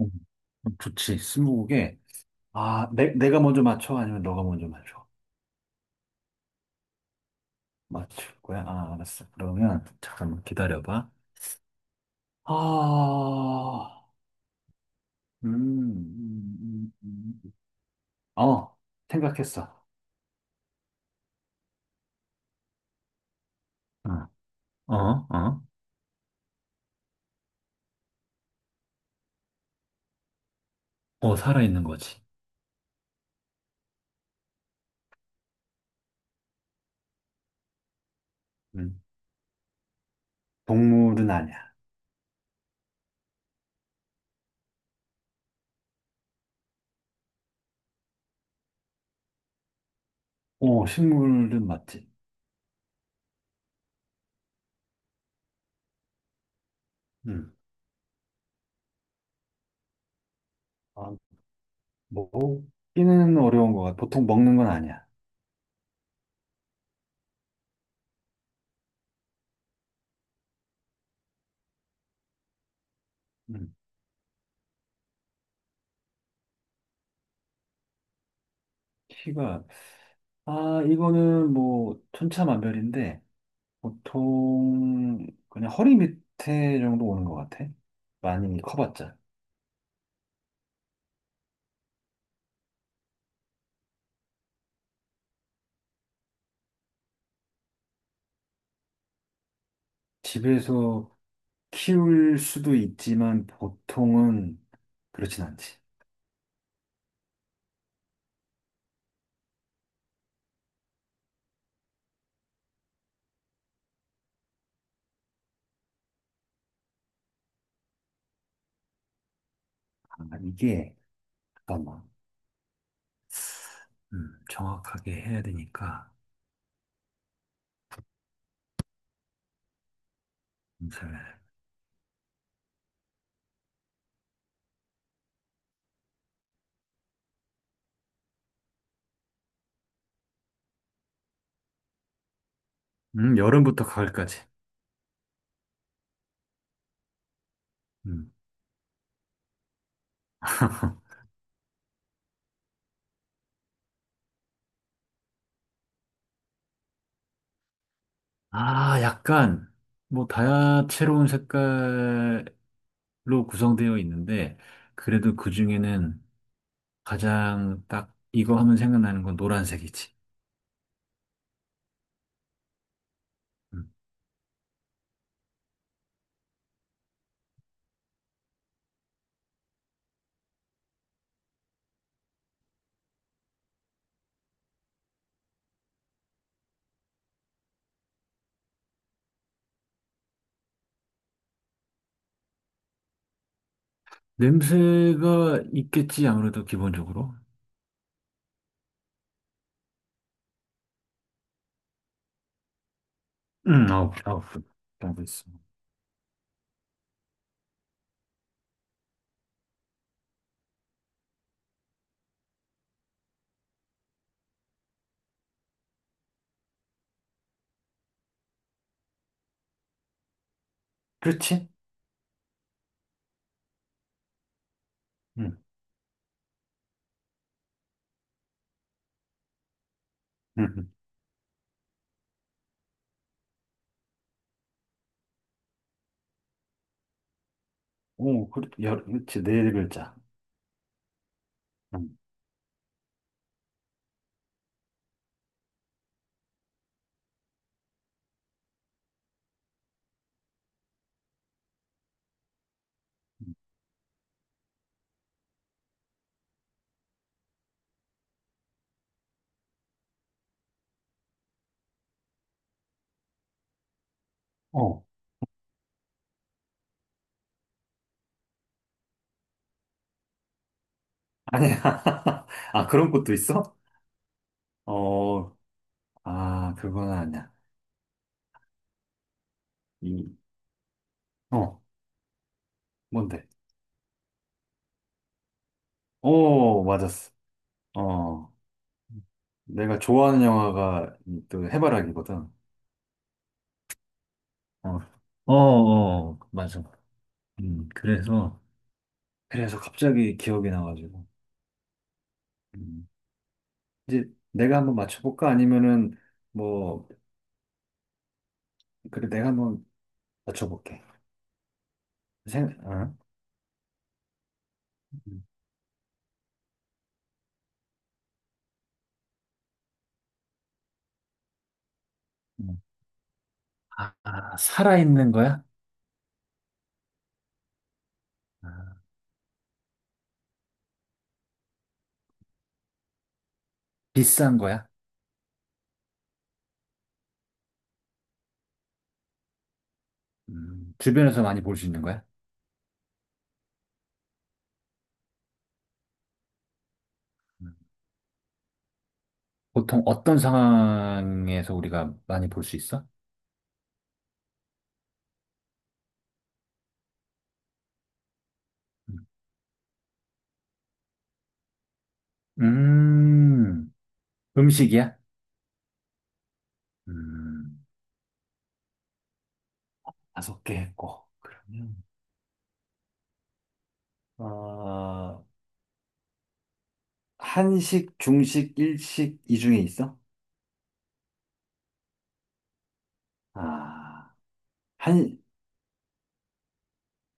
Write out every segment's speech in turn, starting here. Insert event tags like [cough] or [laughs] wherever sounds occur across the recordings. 음, 좋지. 스무고개. 아, 내가 먼저 맞춰? 아니면 너가 먼저 맞춰? 맞출 거야? 아, 알았어. 그러면 잠깐만 기다려봐. 아, 음, 음, 음, 음. 어, 생각했어. 어, 어, 어, 어, 살아있는 거지. 음. 동물은 아니야. 어, 식물은 맞지. 음. 아, 먹기는 어려운 거 같아. 보통 먹는 건 아니야. 음. 키가, 아, 이거는 뭐, 천차만별인데, 보통 그냥 허리 밑에 정도 오는 것 같아. 많이 커봤자. 집에서 키울 수도 있지만 보통은 그렇진 않지. 아, 이게 잠깐만 정확하게 해야 되니까 잠시만요. 여름부터 가을까지. 음. [laughs] 아 약간 뭐 다채로운 색깔로 구성되어 있는데 그래도 그 중에는 가장 딱 이거 하면 생각나는 건 노란색이지. 음. 냄새가 있겠지, 아무래도 기본적으로. 응, 아홉 분정 있어. 그렇지? 응, 응. 응. 오, 열, 그렇지, 네 글자. 응. 응. 어, 아니야. [laughs] 아, 그런 것도 있어? 어, 아, 그건 아니야. 이, 어, 뭔데? 오, 맞았어. 어, 내가 좋아하는 영화가 이또 해바라기거든. 어, 어, 어, 맞아. 음, 그래서, 그래서 갑자기 기억이 나가지고. 음. 이제 내가 한번 맞춰볼까? 아니면은 뭐 그래 내가 한번 맞춰볼게. 어? 음, 음. 아, 아, 살아있는 거야? 아, 비싼 거야? 주변에서 많이 볼 수 있는 거야? 음, 보통 어떤 상황에서 우리가 많이 볼 수 있어? 음, 음, 음식이야? 음, 다섯 개 했고 그러면 어, 한식, 중식, 일식 이 중에 있어? 아, 한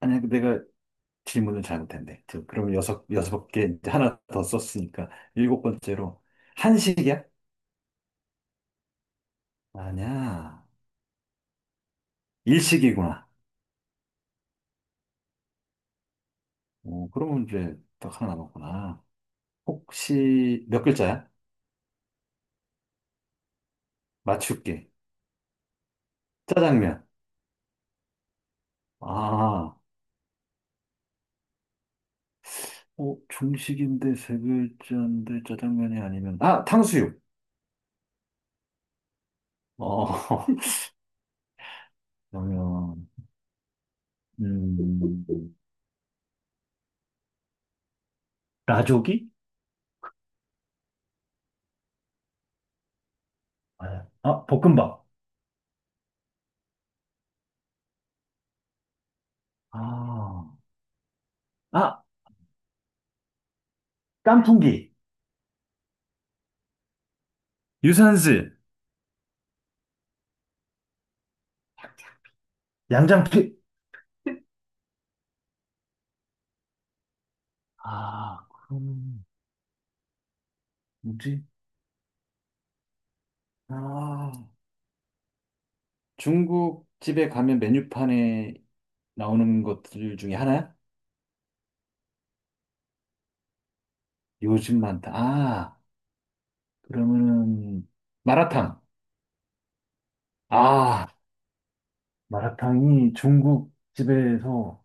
아니, 내가 질문을 잘못했네. 저, 그럼 여섯 개, 이제 하나 더 썼으니까. 일곱 번째로. 한식이야? 아니야. 일식이구나. 오, 그러면 이제 딱 하나 남았구나. 혹시 몇 글자야? 맞출게. 짜장면. 아, 중식인데 세 글자인데 짜장면이 아니면, 아, 탕수육. 어, [laughs] 그러면, 음, 라조기 아, 아, 볶음밥. 아, 아, 깐풍기. 유산슬. 양장피. 아, 그럼 뭐지? 아, 중국 집에 가면 메뉴판에 나오는 것들 중에 하나야? 요즘 많다. 아, 그러면은 마라탕. 아, 마라탕이 중국 집에서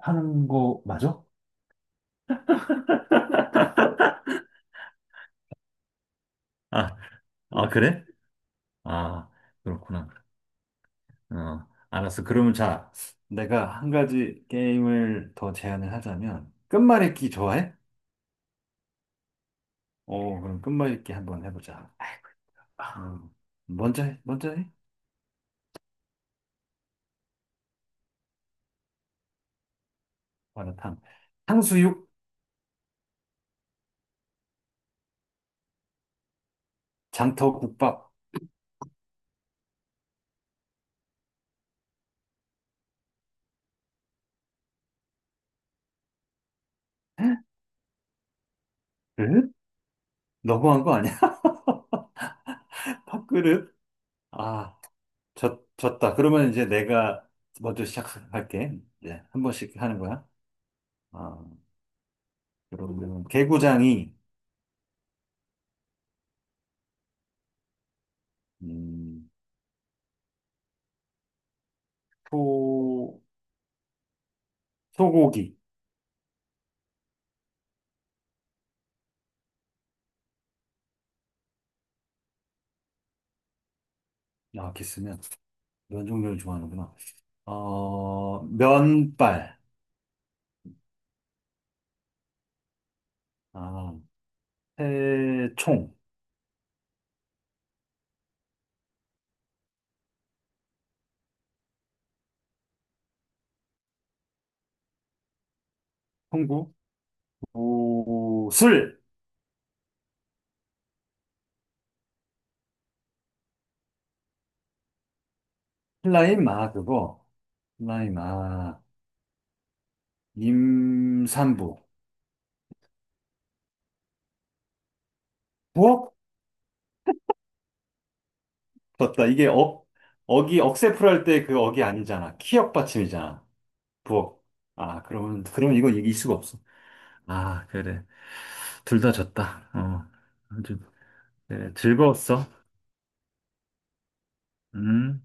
하는 거 맞아? 아, 아, 그래? 아, 그렇구나. 어, 알았어. 그러면 자, 내가 한 가지 게임을 더 제안을 하자면 끝말잇기 좋아해? 오, 그럼 끝말 잇기 한번 해보자. 음, 먼저 해, 먼저 해. 마라탕. 탕수육, 장터국밥. 그릇? 너무한 거 아니야? [laughs] 밥그릇? 아, 졌다. 그러면 이제 내가 먼저 시작할게. 네, 한 번씩 하는 거야. 아, 그러면 개구장이, 음, 소, 소고기. 아, 이렇게 쓰면 면 종류를 좋아하는구나. 어, 면발. 아, 새총. 통구. 구슬, 신라인 마, 그거. 신라인 마, 임산부. 부엌? 떴다. 이게 억이, 억세풀 할 때 그 억이 아니잖아. 키역 받침이잖아. 부엌. 아, 그러면 이건 이길 수가 없어. 아, 그래. 둘 다 졌다. 어. 아주, 그래. 즐거웠어. 음.